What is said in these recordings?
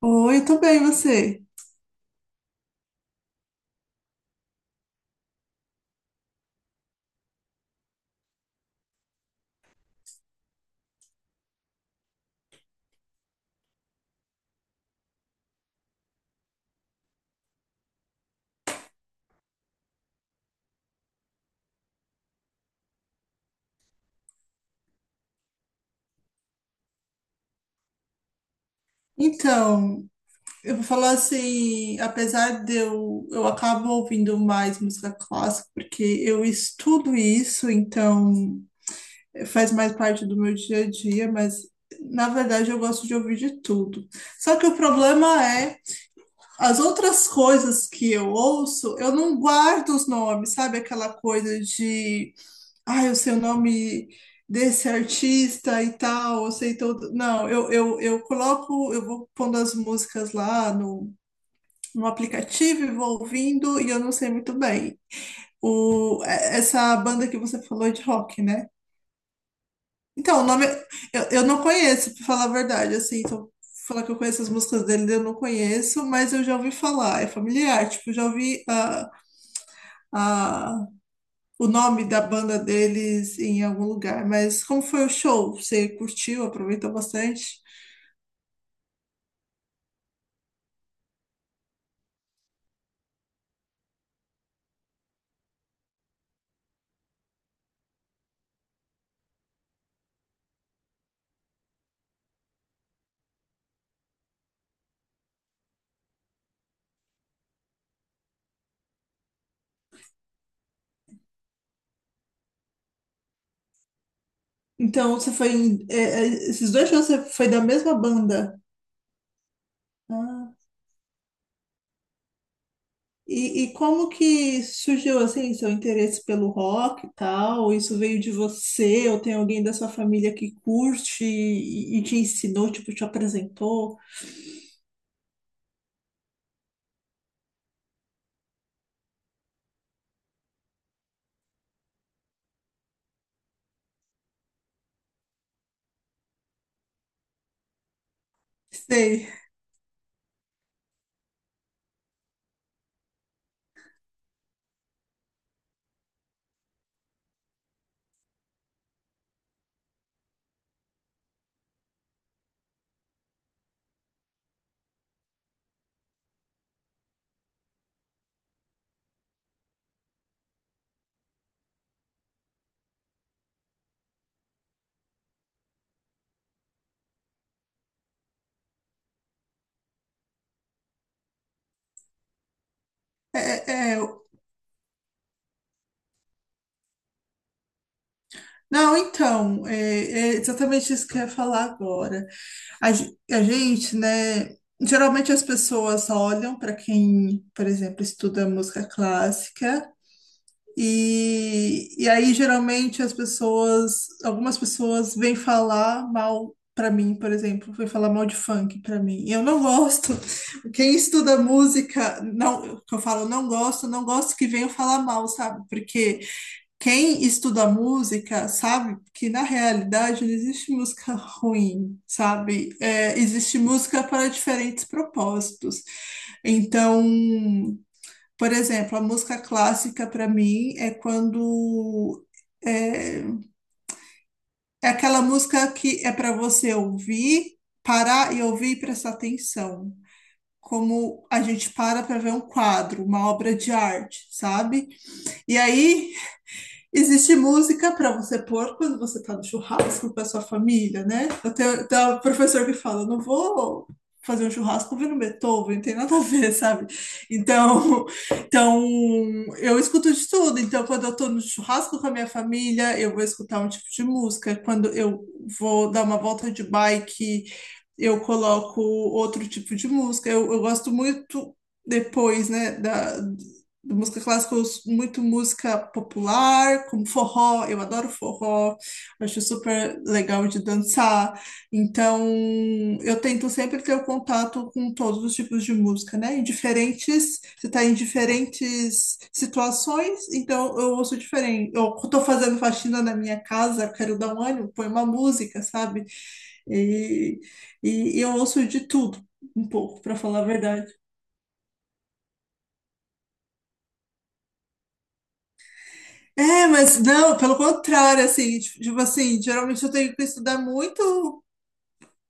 Oi, eu tô bem, você? Então, eu vou falar assim, apesar de eu acabo ouvindo mais música clássica, porque eu estudo isso, então faz mais parte do meu dia a dia, mas na verdade eu gosto de ouvir de tudo. Só que o problema é, as outras coisas que eu ouço, eu não guardo os nomes, sabe? Aquela coisa de ai, eu sei o nome desse artista e tal, eu sei todo. Não, eu coloco, eu vou pondo as músicas lá no, no aplicativo e vou ouvindo e eu não sei muito bem. Essa banda que você falou é de rock, né? Então, o nome eu não conheço, pra falar a verdade, assim, então falar que eu conheço as músicas dele, eu não conheço, mas eu já ouvi falar, é familiar, tipo, já ouvi a, o nome da banda deles em algum lugar. Mas como foi o show? Você curtiu, aproveitou bastante? Então, você foi esses dois shows você foi da mesma banda. Ah, e como que surgiu assim seu interesse pelo rock e tal? Isso veio de você ou tem alguém da sua família que curte e te ensinou, tipo, te apresentou? Sei. É, é, não, então, é exatamente isso que eu ia falar agora. A gente, né? Geralmente as pessoas só olham para quem, por exemplo, estuda música clássica, e aí geralmente as pessoas, algumas pessoas vêm falar mal para mim, por exemplo, vêm falar mal de funk para mim. E eu não gosto. Quem estuda música, não, que eu falo não gosto, não gosto que venham falar mal, sabe? Porque. Quem estuda música sabe que na realidade não existe música ruim, sabe? É, existe música para diferentes propósitos. Então, por exemplo, a música clássica para mim é é, é aquela música que é para você ouvir, parar e ouvir e prestar atenção. Como a gente para para ver um quadro, uma obra de arte, sabe? E aí existe música para você pôr quando você está no churrasco com a sua família, né? Eu tenho, tem um professor que fala, não vou fazer um churrasco ouvindo Beethoven, tem nada a ver, sabe? Então, então, eu escuto de tudo. Então, quando eu estou no churrasco com a minha família, eu vou escutar um tipo de música. Quando eu vou dar uma volta de bike, eu coloco outro tipo de música. Eu gosto muito depois, né, da, de música clássica, eu ouço muito música popular, como forró, eu adoro forró, acho super legal de dançar. Então, eu tento sempre ter o contato com todos os tipos de música, né? Em diferentes, você está em diferentes situações, então eu ouço diferente. Eu estou fazendo faxina na minha casa, quero dar um ânimo, põe uma música, sabe? E, e eu ouço de tudo, um pouco, para falar a verdade. É, mas não, pelo contrário, assim, tipo assim, geralmente eu tenho que estudar muito,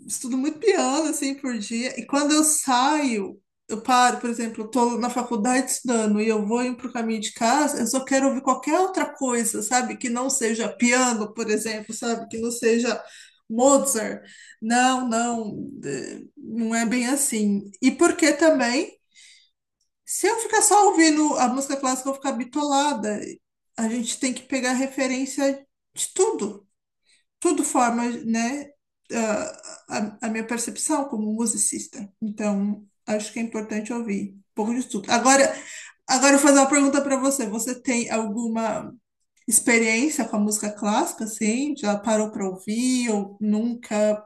estudo muito piano, assim, por dia, e quando eu saio, eu paro, por exemplo, eu tô na faculdade estudando e eu vou indo pro caminho de casa, eu só quero ouvir qualquer outra coisa, sabe, que não seja piano, por exemplo, sabe, que não seja Mozart, não, não é bem assim, e porque também se eu ficar só ouvindo a música clássica, eu vou ficar bitolada. A gente tem que pegar referência de tudo. Tudo forma, né, a minha percepção como musicista. Então, acho que é importante ouvir um pouco de tudo. Agora, eu vou fazer uma pergunta para você. Você tem alguma experiência com a música clássica, assim? Já parou para ouvir ou nunca?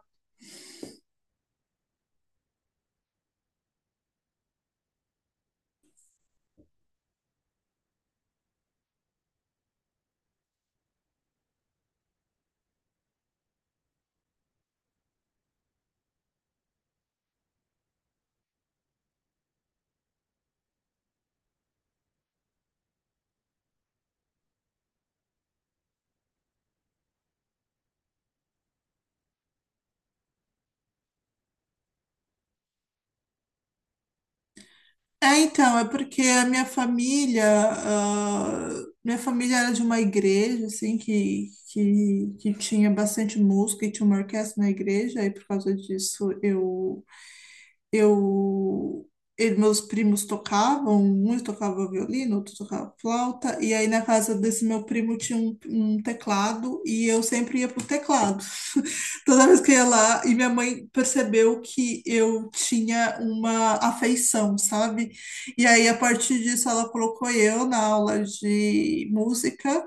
É, então, é porque a minha família, ah, minha família era de uma igreja, assim, que tinha bastante música e tinha uma orquestra na igreja, e por causa disso eu, e meus primos tocavam, uns tocavam violino, outros tocavam flauta, e aí na casa desse meu primo tinha um teclado, e eu sempre ia pro teclado. Toda vez que eu ia lá, e minha mãe percebeu que eu tinha uma afeição, sabe? E aí, a partir disso, ela colocou eu na aula de música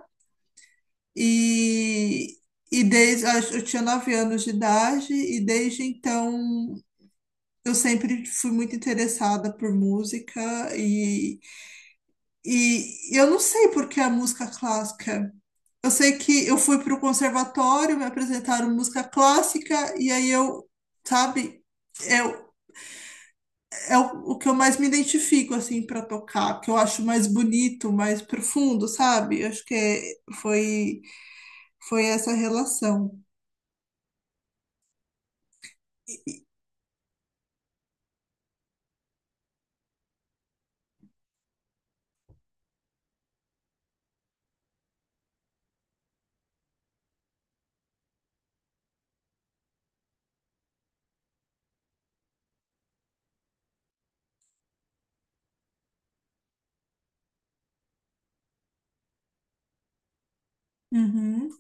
e, e desde, eu tinha 9 anos de idade e desde então eu sempre fui muito interessada por música e, e eu não sei por que a música clássica. Eu sei que eu fui para o conservatório, me apresentaram música clássica, e aí eu, sabe, é, o- o que eu mais me identifico, assim, para tocar, que eu acho mais bonito, mais profundo, sabe? Eu acho que foi, foi essa relação. E- Uhum.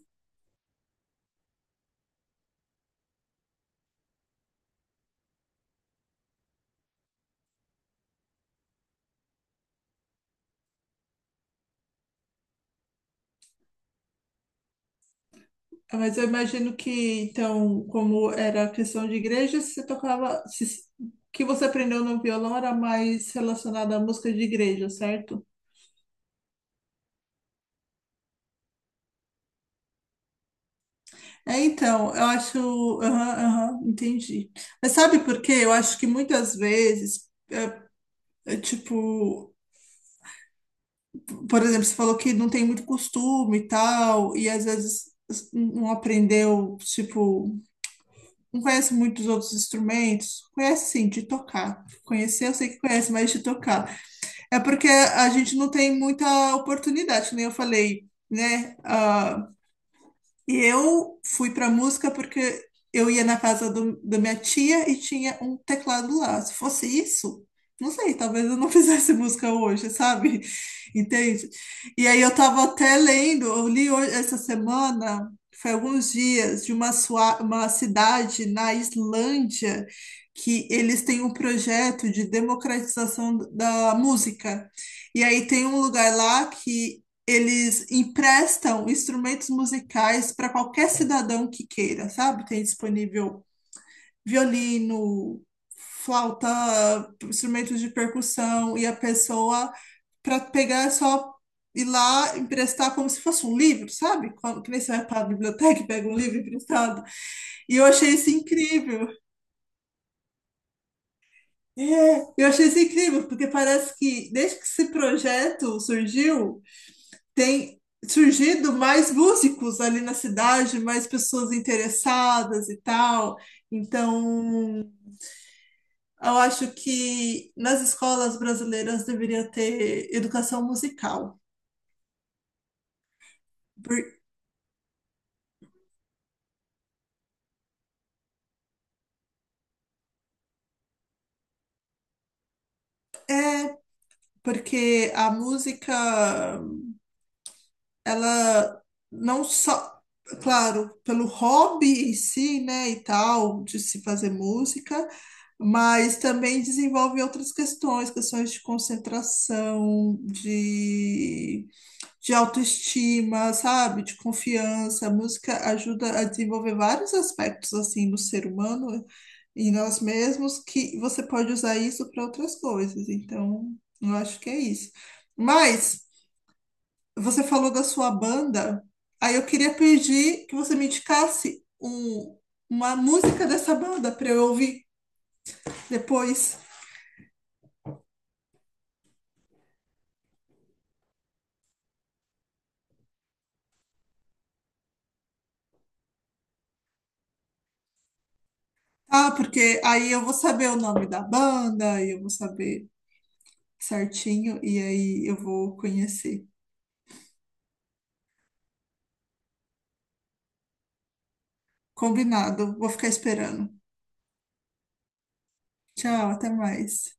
Mas eu imagino que, então, como era a questão de igreja, você tocava, o que você aprendeu no violão era mais relacionado à música de igreja, certo? É, então, eu acho. Aham, aham, entendi. Mas sabe por quê? Eu acho que muitas vezes, tipo, por exemplo, você falou que não tem muito costume e tal, e às vezes não aprendeu, tipo, não conhece muitos outros instrumentos. Conhece sim, de tocar. Conhecer, eu sei que conhece, mas de tocar. É porque a gente não tem muita oportunidade, que nem eu falei, né? Ah, e eu fui para música porque eu ia na casa da minha tia e tinha um teclado lá. Se fosse isso, não sei, talvez eu não fizesse música hoje, sabe? Entende? E aí eu tava até lendo, eu li hoje, essa semana, foi alguns dias, de uma cidade na Islândia que eles têm um projeto de democratização da música. E aí tem um lugar lá que eles emprestam instrumentos musicais para qualquer cidadão que queira, sabe? Tem disponível violino, flauta, instrumentos de percussão, e a pessoa, para pegar, é só ir lá emprestar como se fosse um livro, sabe? Quando, que nem você vai para a biblioteca e pega um livro emprestado. E eu achei isso incrível. É, eu achei isso incrível, porque parece que desde que esse projeto surgiu, tem surgido mais músicos ali na cidade, mais pessoas interessadas e tal. Então, eu acho que nas escolas brasileiras deveria ter educação musical, por- porque a música, ela não só, claro, pelo hobby em si, né, e tal, de se fazer música, mas também desenvolve outras questões, questões de concentração, de autoestima, sabe? De confiança. A música ajuda a desenvolver vários aspectos assim no ser humano e nós mesmos que você pode usar isso para outras coisas. Então, eu acho que é isso. Mas você falou da sua banda, aí eu queria pedir que você me indicasse uma música dessa banda para eu ouvir depois. Ah, porque aí eu vou saber o nome da banda, aí eu vou saber certinho e aí eu vou conhecer. Combinado. Vou ficar esperando. Tchau, até mais.